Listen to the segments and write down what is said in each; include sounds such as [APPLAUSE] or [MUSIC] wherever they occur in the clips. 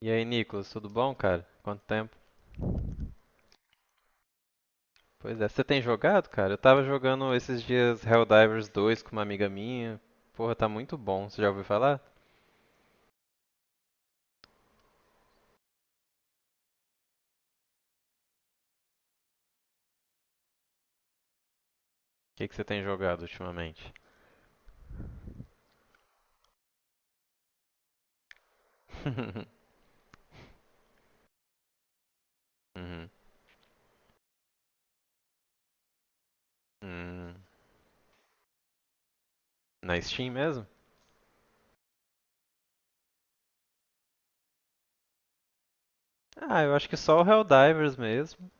E aí, Nicolas, tudo bom, cara? Quanto tempo? Pois é, você tem jogado, cara? Eu tava jogando esses dias Helldivers 2 com uma amiga minha. Porra, tá muito bom. Você já ouviu falar? O que que você tem jogado ultimamente? [LAUGHS] Uhum. Hum. Na Steam mesmo? Ah, eu acho que só o Helldivers mesmo.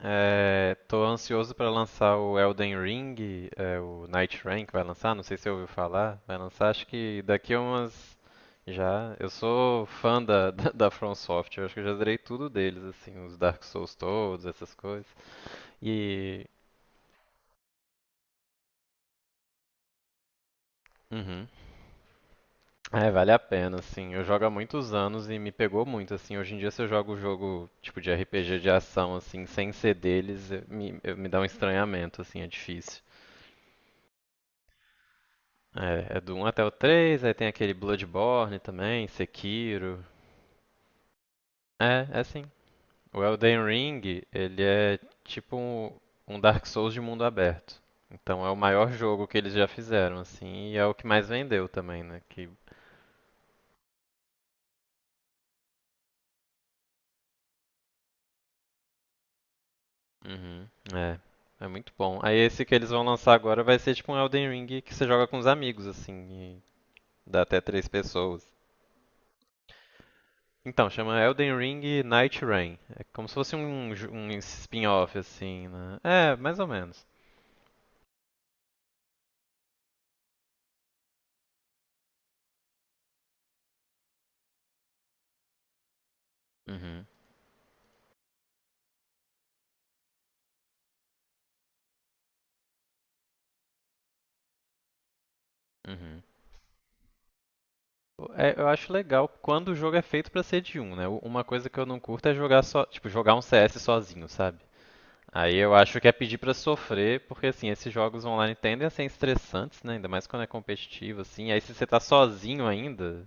É, tô ansioso pra lançar o Elden Ring, é, o Night Rain que vai lançar, não sei se você ouviu falar. Vai lançar, acho que daqui a umas. Já. Eu sou fã da, [LAUGHS] da From Software, acho que eu já zerei tudo deles, assim, os Dark Souls todos, essas coisas. E. Uhum. É, vale a pena, assim. Eu jogo há muitos anos e me pegou muito, assim. Hoje em dia, se eu jogo um jogo tipo de RPG de ação, assim, sem ser deles, me dá um estranhamento, assim, é difícil. É do um até o 3, aí tem aquele Bloodborne também, Sekiro. É sim. O Elden Ring, ele é tipo um Dark Souls de mundo aberto. Então é o maior jogo que eles já fizeram, assim, e é o que mais vendeu também, né? Que. Uhum. É, é muito bom. Aí esse que eles vão lançar agora vai ser tipo um Elden Ring que você joga com os amigos, assim, e dá até três pessoas. Então, chama Elden Ring Night Rain. É como se fosse um spin-off, assim, né? É, mais ou menos. Uhum, uhum. É, eu acho legal quando o jogo é feito pra ser de um, né? Uma coisa que eu não curto é jogar só, tipo, jogar um CS sozinho, sabe? Aí eu acho que é pedir pra sofrer, porque assim, esses jogos online tendem a ser estressantes, né? Ainda mais quando é competitivo, assim. Aí se você tá sozinho ainda,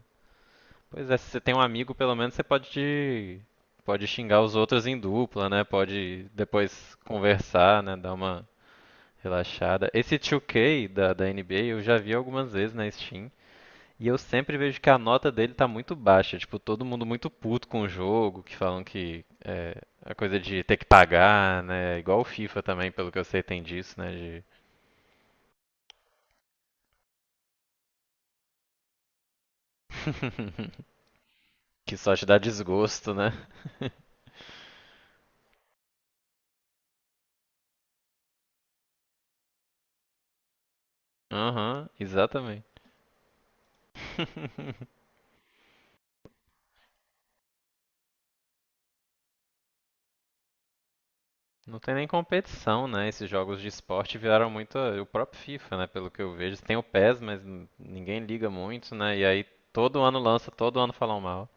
pois é, se você tem um amigo, pelo menos você pode xingar os outros em dupla, né? Pode depois conversar, né? Dar uma relaxada. Esse 2K da NBA eu já vi algumas vezes na Steam. E eu sempre vejo que a nota dele tá muito baixa. Tipo, todo mundo muito puto com o jogo, que falam que é a coisa de ter que pagar, né? Igual o FIFA também, pelo que eu sei, tem disso, né? De... [LAUGHS] que só te dá desgosto, né? [LAUGHS] Aham, exatamente. [LAUGHS] Não tem nem competição, né? Esses jogos de esporte viraram muito o próprio FIFA, né? Pelo que eu vejo. Tem o PES, mas ninguém liga muito, né? E aí todo ano lança, todo ano falam mal.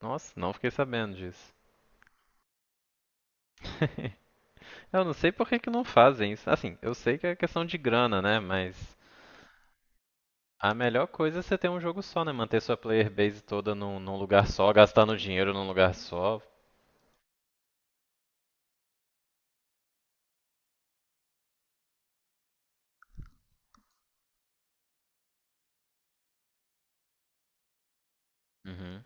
Nossa, não fiquei sabendo disso. [LAUGHS] Eu não sei por que que não fazem isso. Assim, eu sei que é questão de grana, né? Mas a melhor coisa é você ter um jogo só, né? Manter sua player base toda num lugar só, gastando dinheiro num lugar só. Uhum.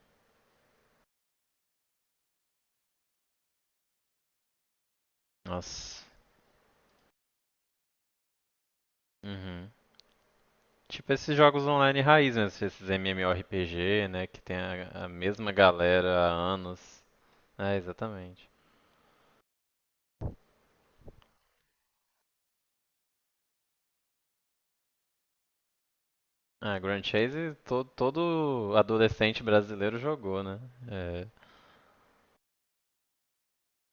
Nossa. Uhum. Tipo esses jogos online raiz mesmo, esses MMORPG, né? Que tem a mesma galera há anos. É, exatamente. Ah, Grand Chase todo, todo adolescente brasileiro jogou, né? É.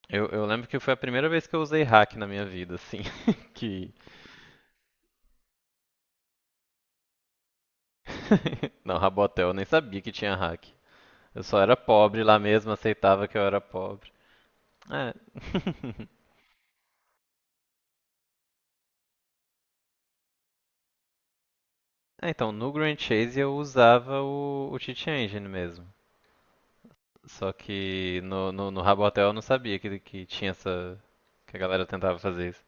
Eu lembro que foi a primeira vez que eu usei hack na minha vida, assim. [LAUGHS] que [LAUGHS] Não, Rabotel, eu nem sabia que tinha hack. Eu só era pobre lá mesmo, aceitava que eu era pobre. É. [LAUGHS] É, então, no Grand Chase eu usava o Cheat Engine mesmo. Só que no Rabotel eu não sabia que tinha essa, que a galera tentava fazer isso.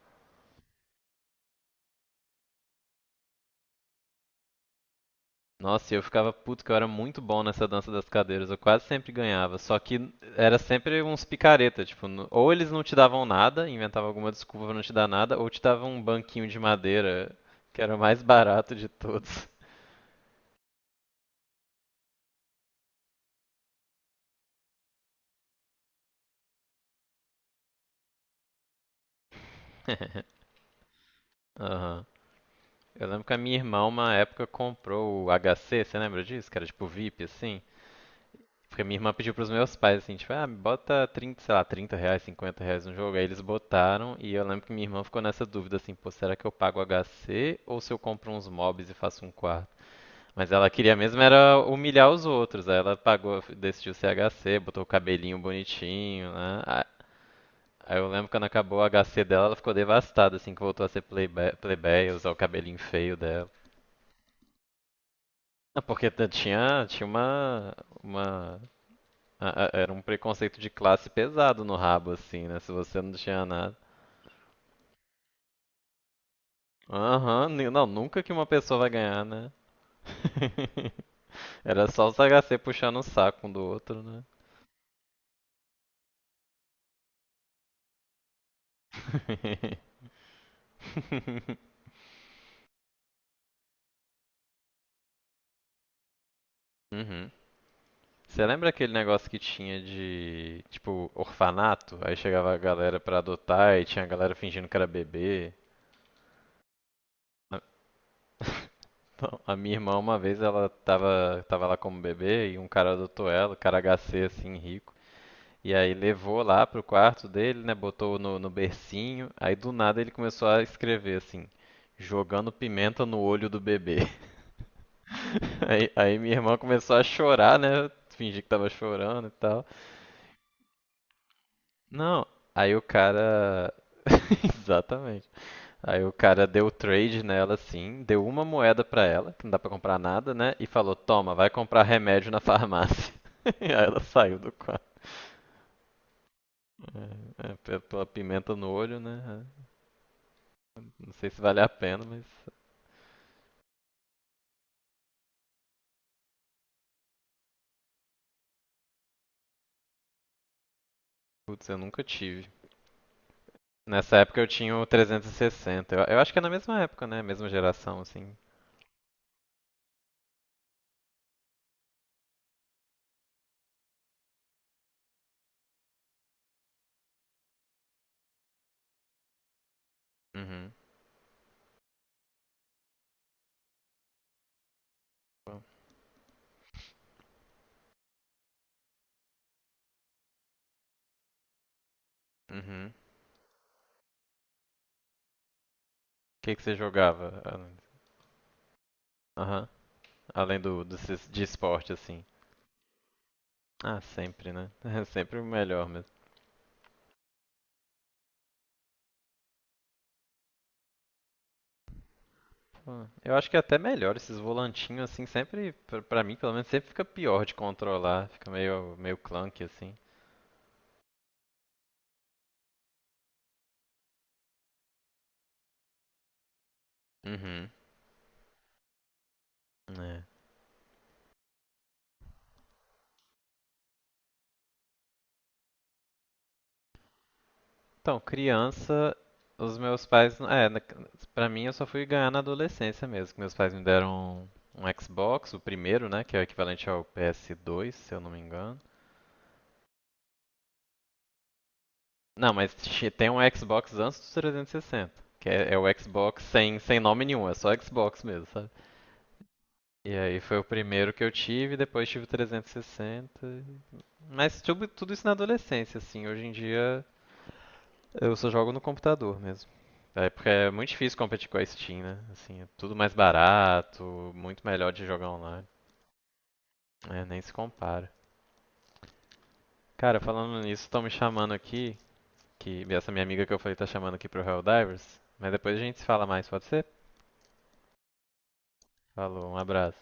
Nossa, e eu ficava puto que eu era muito bom nessa dança das cadeiras, eu quase sempre ganhava, só que era sempre uns picareta, tipo, ou eles não te davam nada, inventavam alguma desculpa pra não te dar nada, ou te davam um banquinho de madeira, que era o mais barato de todos. [LAUGHS] Aham. Eu lembro que a minha irmã, uma época, comprou o HC, você lembra disso? Que era tipo VIP, assim, porque minha irmã pediu pros meus pais, assim, tipo, ah, bota 30 sei lá, R$ 30, R$ 50 no jogo. Aí eles botaram e eu lembro que minha irmã ficou nessa dúvida, assim, pô, será que eu pago HC ou se eu compro uns mobs e faço um quarto? Mas ela queria mesmo era humilhar os outros. Aí ela pagou, decidiu ser HC, botou o cabelinho bonitinho, né? Aí eu lembro quando acabou o HC dela, ela ficou devastada, assim, que voltou a ser plebeia, usar o cabelinho feio dela. Ah, porque t- tinha, tinha uma A- a- era um preconceito de classe pesado no rabo, assim, né? Se você não tinha nada. Aham, não, nunca que uma pessoa vai ganhar, né? [LAUGHS] Era só os HC puxando o saco um do outro, né? [LAUGHS] Uhum. Você lembra aquele negócio que tinha de, tipo, orfanato? Aí chegava a galera pra adotar e tinha a galera fingindo que era bebê. A- [LAUGHS] Então, a minha irmã, uma vez, ela tava, lá como bebê e um cara adotou ela, cara HC, assim, rico. E aí levou lá pro quarto dele, né? Botou no bercinho. Aí do nada ele começou a escrever assim, jogando pimenta no olho do bebê. [LAUGHS] Aí minha irmã começou a chorar, né? Eu fingi que tava chorando e tal. Não, aí o cara. [LAUGHS] Exatamente. Aí o cara deu trade nela assim, deu uma moeda pra ela, que não dá pra comprar nada, né? E falou: Toma, vai comprar remédio na farmácia. [LAUGHS] Aí ela saiu do quarto. É, pela pimenta no olho, né? É. Não sei se vale a pena, mas putz, eu nunca tive. Nessa época eu tinha o 360. Eu acho que é na mesma época, né? Mesma geração, assim. Uhum. Uhum. O que que você jogava? Aham. Além do de esporte, assim. Ah, sempre, né? [LAUGHS] Sempre o melhor mesmo. Pô, eu acho que é até melhor esses volantinhos, assim, sempre, pra mim, pelo menos, sempre fica pior de controlar. Fica meio clunky, assim. Uhum. Então, criança, os meus pais, pra mim eu só fui ganhar na adolescência mesmo, que meus pais me deram um Xbox, o primeiro, né, que é o equivalente ao PS2, se eu não me engano. Não, mas tem um Xbox antes do 360, que é o Xbox sem nome nenhum, é só Xbox mesmo, sabe? E aí foi o primeiro que eu tive, depois tive o 360. Mas tudo, tudo isso na adolescência, assim. Hoje em dia, eu só jogo no computador mesmo. É porque é muito difícil competir com a Steam, né? Assim, é tudo mais barato, muito melhor de jogar online. É, nem se compara. Cara, falando nisso, estão me chamando aqui, que essa minha amiga que eu falei tá chamando aqui pro Helldivers, mas depois a gente se fala mais, pode ser? Falou, um abraço.